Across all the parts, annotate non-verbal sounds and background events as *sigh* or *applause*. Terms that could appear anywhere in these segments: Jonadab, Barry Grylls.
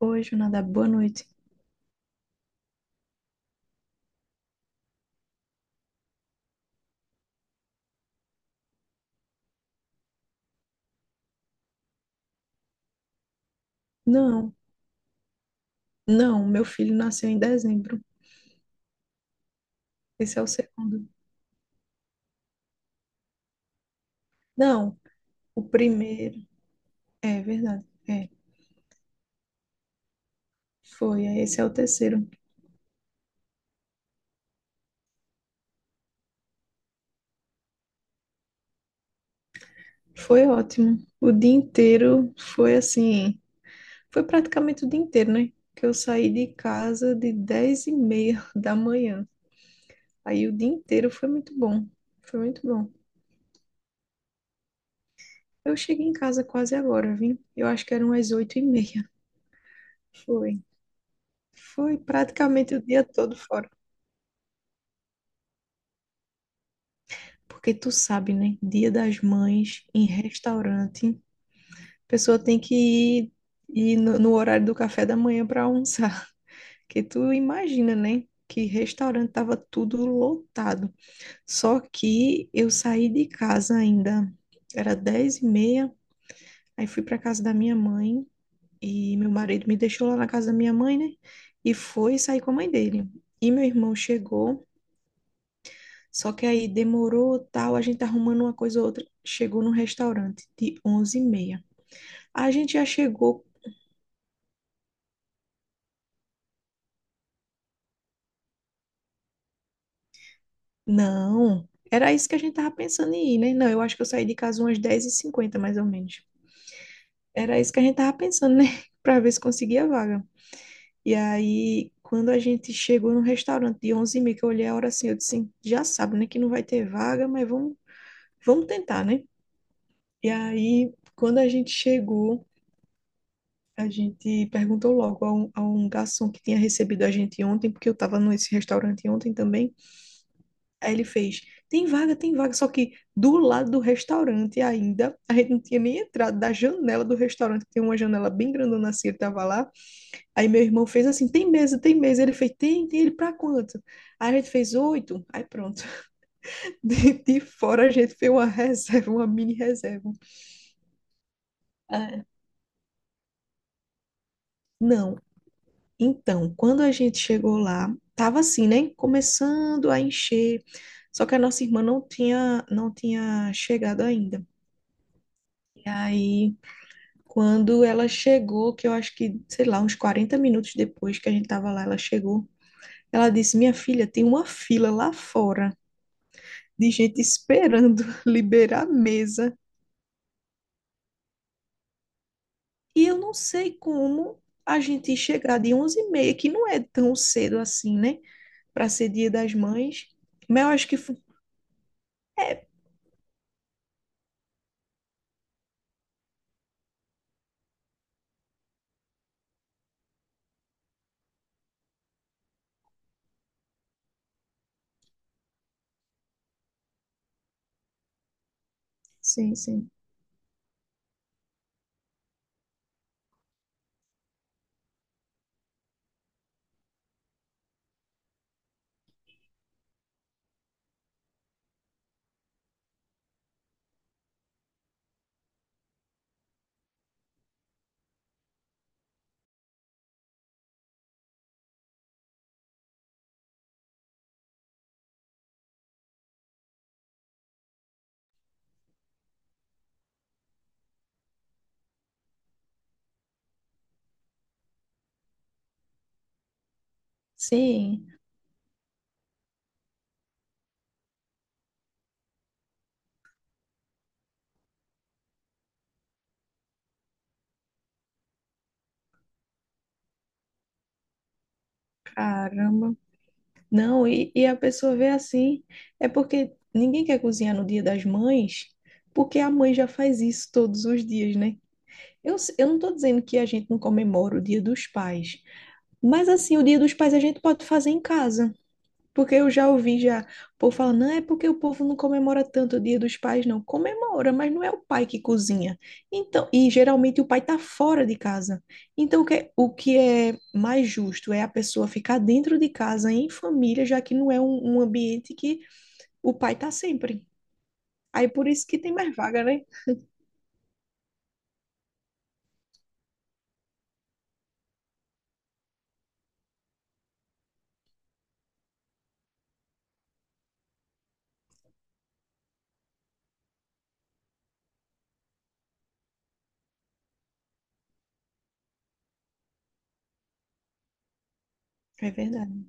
Oi, Jonadab, boa noite. Não, não, meu filho nasceu em dezembro. Esse é o segundo. Não, o primeiro. É verdade. É, foi. Aí esse é o terceiro. Foi ótimo. O dia inteiro foi assim. Foi praticamente o dia inteiro, né? Que eu saí de casa de 10h30 da manhã. Aí o dia inteiro foi muito bom. Foi muito bom. Eu cheguei em casa quase agora, vim. Eu acho que eram as 20h30. Foi. Foi praticamente o dia todo fora. Porque tu sabe, né? Dia das Mães, em restaurante, a pessoa tem que ir no horário do café da manhã para almoçar. *laughs* Que tu imagina, né? Que restaurante tava tudo lotado. Só que eu saí de casa ainda, era 10h30, aí fui para casa da minha mãe e meu marido me deixou lá na casa da minha mãe, né? E foi sair com a mãe dele. E meu irmão chegou. Só que aí demorou, tal, a gente arrumando uma coisa ou outra. Chegou no restaurante de 11h30. A gente já chegou. Não, era isso que a gente tava pensando em ir, né? Não, eu acho que eu saí de casa umas 10h50 mais ou menos. Era isso que a gente tava pensando, né? *laughs* Pra ver se conseguia a vaga. E aí, quando a gente chegou no restaurante de 11h30, que eu olhei a hora assim, eu disse, assim, já sabe, né, que não vai ter vaga, mas vamos tentar, né? E aí, quando a gente chegou, a gente perguntou logo a um garçom que tinha recebido a gente ontem, porque eu estava nesse restaurante ontem também. Aí ele fez: tem vaga, tem vaga. Só que do lado do restaurante ainda, a gente não tinha nem entrado da janela do restaurante, que tem uma janela bem grandona assim, ele estava lá. Aí meu irmão fez assim: tem mesa, tem mesa. Ele fez: tem, tem. Ele pra quanto? Aí a gente fez oito. Aí pronto. *laughs* De fora a gente fez uma reserva, uma mini reserva. Ah, não. Então, quando a gente chegou lá, tava assim, né? Começando a encher. Só que a nossa irmã não tinha chegado ainda. E aí, quando ela chegou, que eu acho que, sei lá, uns 40 minutos depois que a gente tava lá, ela chegou. Ela disse: Minha filha, tem uma fila lá fora de gente esperando *laughs* liberar a mesa. E eu não sei como a gente chegar de 11h30, que não é tão cedo assim, né? Para ser Dia das Mães. Mas eu acho que foi. Sim, sim. Sim, caramba. Não, e a pessoa vê assim, é porque ninguém quer cozinhar no Dia das Mães, porque a mãe já faz isso todos os dias, né? Eu não estou dizendo que a gente não comemora o Dia dos Pais, mas assim, o Dia dos Pais a gente pode fazer em casa. Porque eu já ouvi já, o povo falando, não é porque o povo não comemora tanto o Dia dos Pais, não. Comemora, mas não é o pai que cozinha. Então, e geralmente o pai está fora de casa. Então, o que é mais justo é a pessoa ficar dentro de casa, em família, já que não é um ambiente que o pai está sempre. Aí por isso que tem mais vaga, né? É verdade.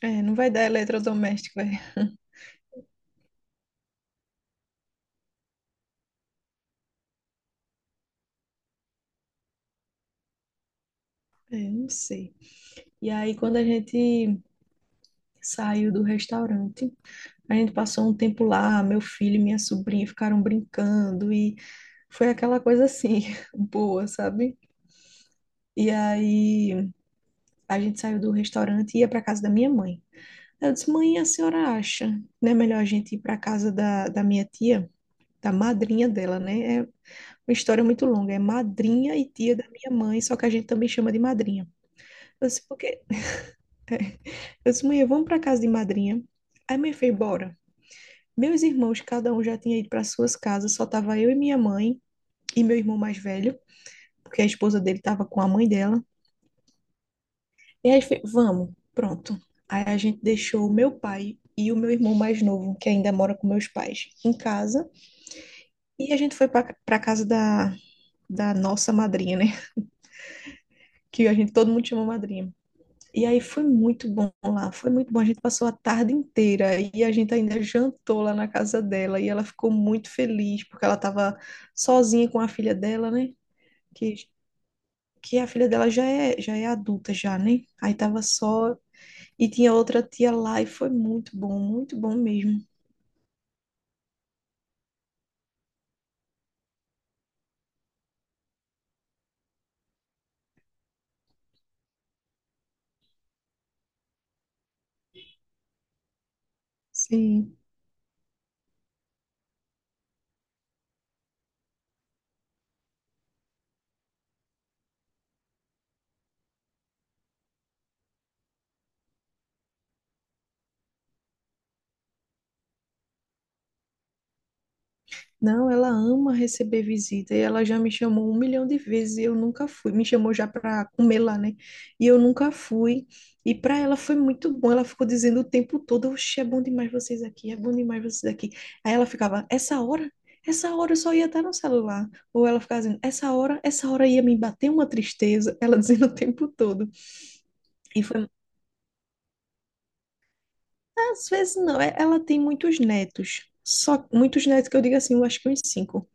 É, não vai dar eletrodoméstico, é. *laughs* É, não sei. E aí, quando a gente saiu do restaurante, a gente passou um tempo lá, meu filho e minha sobrinha ficaram brincando e foi aquela coisa assim, *laughs* boa, sabe? E aí a gente saiu do restaurante e ia para casa da minha mãe. Eu disse, mãe, a senhora acha, né, melhor a gente ir para casa da minha tia, da madrinha dela, né? É uma história muito longa, é madrinha e tia da minha mãe, só que a gente também chama de madrinha. Eu disse, porque eu disse, mãe, vamos para casa de madrinha. Aí minha filha, bora. Meus irmãos, cada um já tinha ido para suas casas, só tava eu e minha mãe. E meu irmão mais velho, porque a esposa dele estava com a mãe dela. E aí foi, vamos, pronto. Aí a gente deixou o meu pai e o meu irmão mais novo, que ainda mora com meus pais, em casa. E a gente foi para a casa da nossa madrinha, né? *laughs* Que a gente todo mundo chama madrinha. E aí foi muito bom lá, foi muito bom. A gente passou a tarde inteira e a gente ainda jantou lá na casa dela e ela ficou muito feliz porque ela estava sozinha com a filha dela, né? Que que a filha dela já é adulta já, né? Aí tava só e tinha outra tia lá e foi muito bom mesmo. Sim. Não, ela ama receber visita e ela já me chamou um milhão de vezes e eu nunca fui. Me chamou já para comer lá, né? E eu nunca fui. E para ela foi muito bom. Ela ficou dizendo o tempo todo: Oxe, é bom demais vocês aqui, é bom demais vocês aqui. Aí ela ficava: Essa hora? Essa hora eu só ia estar no celular. Ou ela ficava dizendo: Essa hora? Essa hora ia me bater uma tristeza. Ela dizendo o tempo todo. E foi, às vezes não, ela tem muitos netos. Só muitos netos que eu digo assim, eu acho que uns cinco.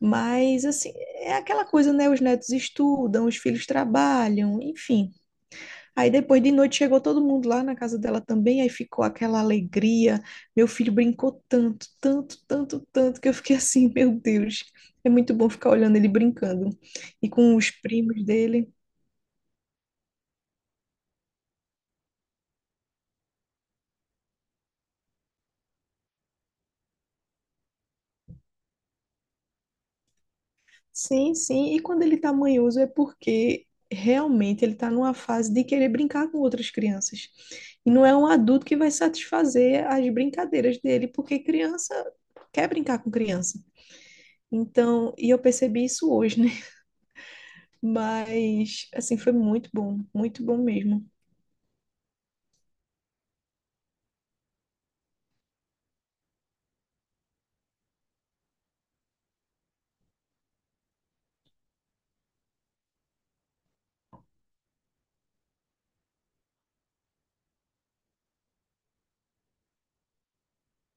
Mas assim, é aquela coisa, né? Os netos estudam, os filhos trabalham, enfim. Aí depois de noite chegou todo mundo lá na casa dela também, aí ficou aquela alegria. Meu filho brincou tanto, tanto, tanto, tanto, que eu fiquei assim, *laughs* meu Deus, é muito bom ficar olhando ele brincando. E com os primos dele. Sim, sim. E quando ele está manhoso é porque realmente ele está numa fase de querer brincar com outras crianças. E não é um adulto que vai satisfazer as brincadeiras dele, porque criança quer brincar com criança. Então, e eu percebi isso hoje, né? *laughs* Mas, assim, foi muito bom mesmo.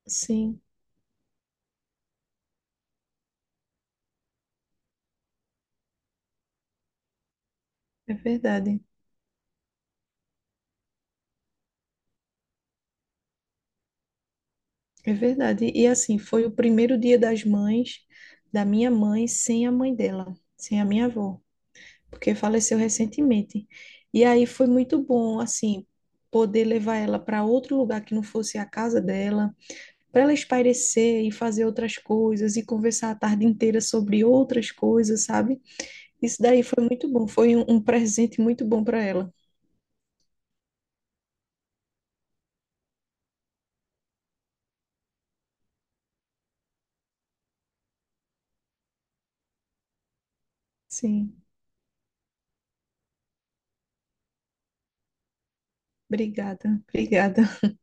Sim, é verdade, é verdade. E assim, foi o primeiro Dia das Mães da minha mãe, sem a mãe dela, sem a minha avó. Porque faleceu recentemente. E aí foi muito bom, assim, poder levar ela para outro lugar que não fosse a casa dela, para ela espairecer e fazer outras coisas e conversar a tarde inteira sobre outras coisas, sabe? Isso daí foi muito bom, foi um presente muito bom para ela. Sim, obrigada, obrigada. *laughs*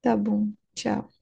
Tá bom, tchau.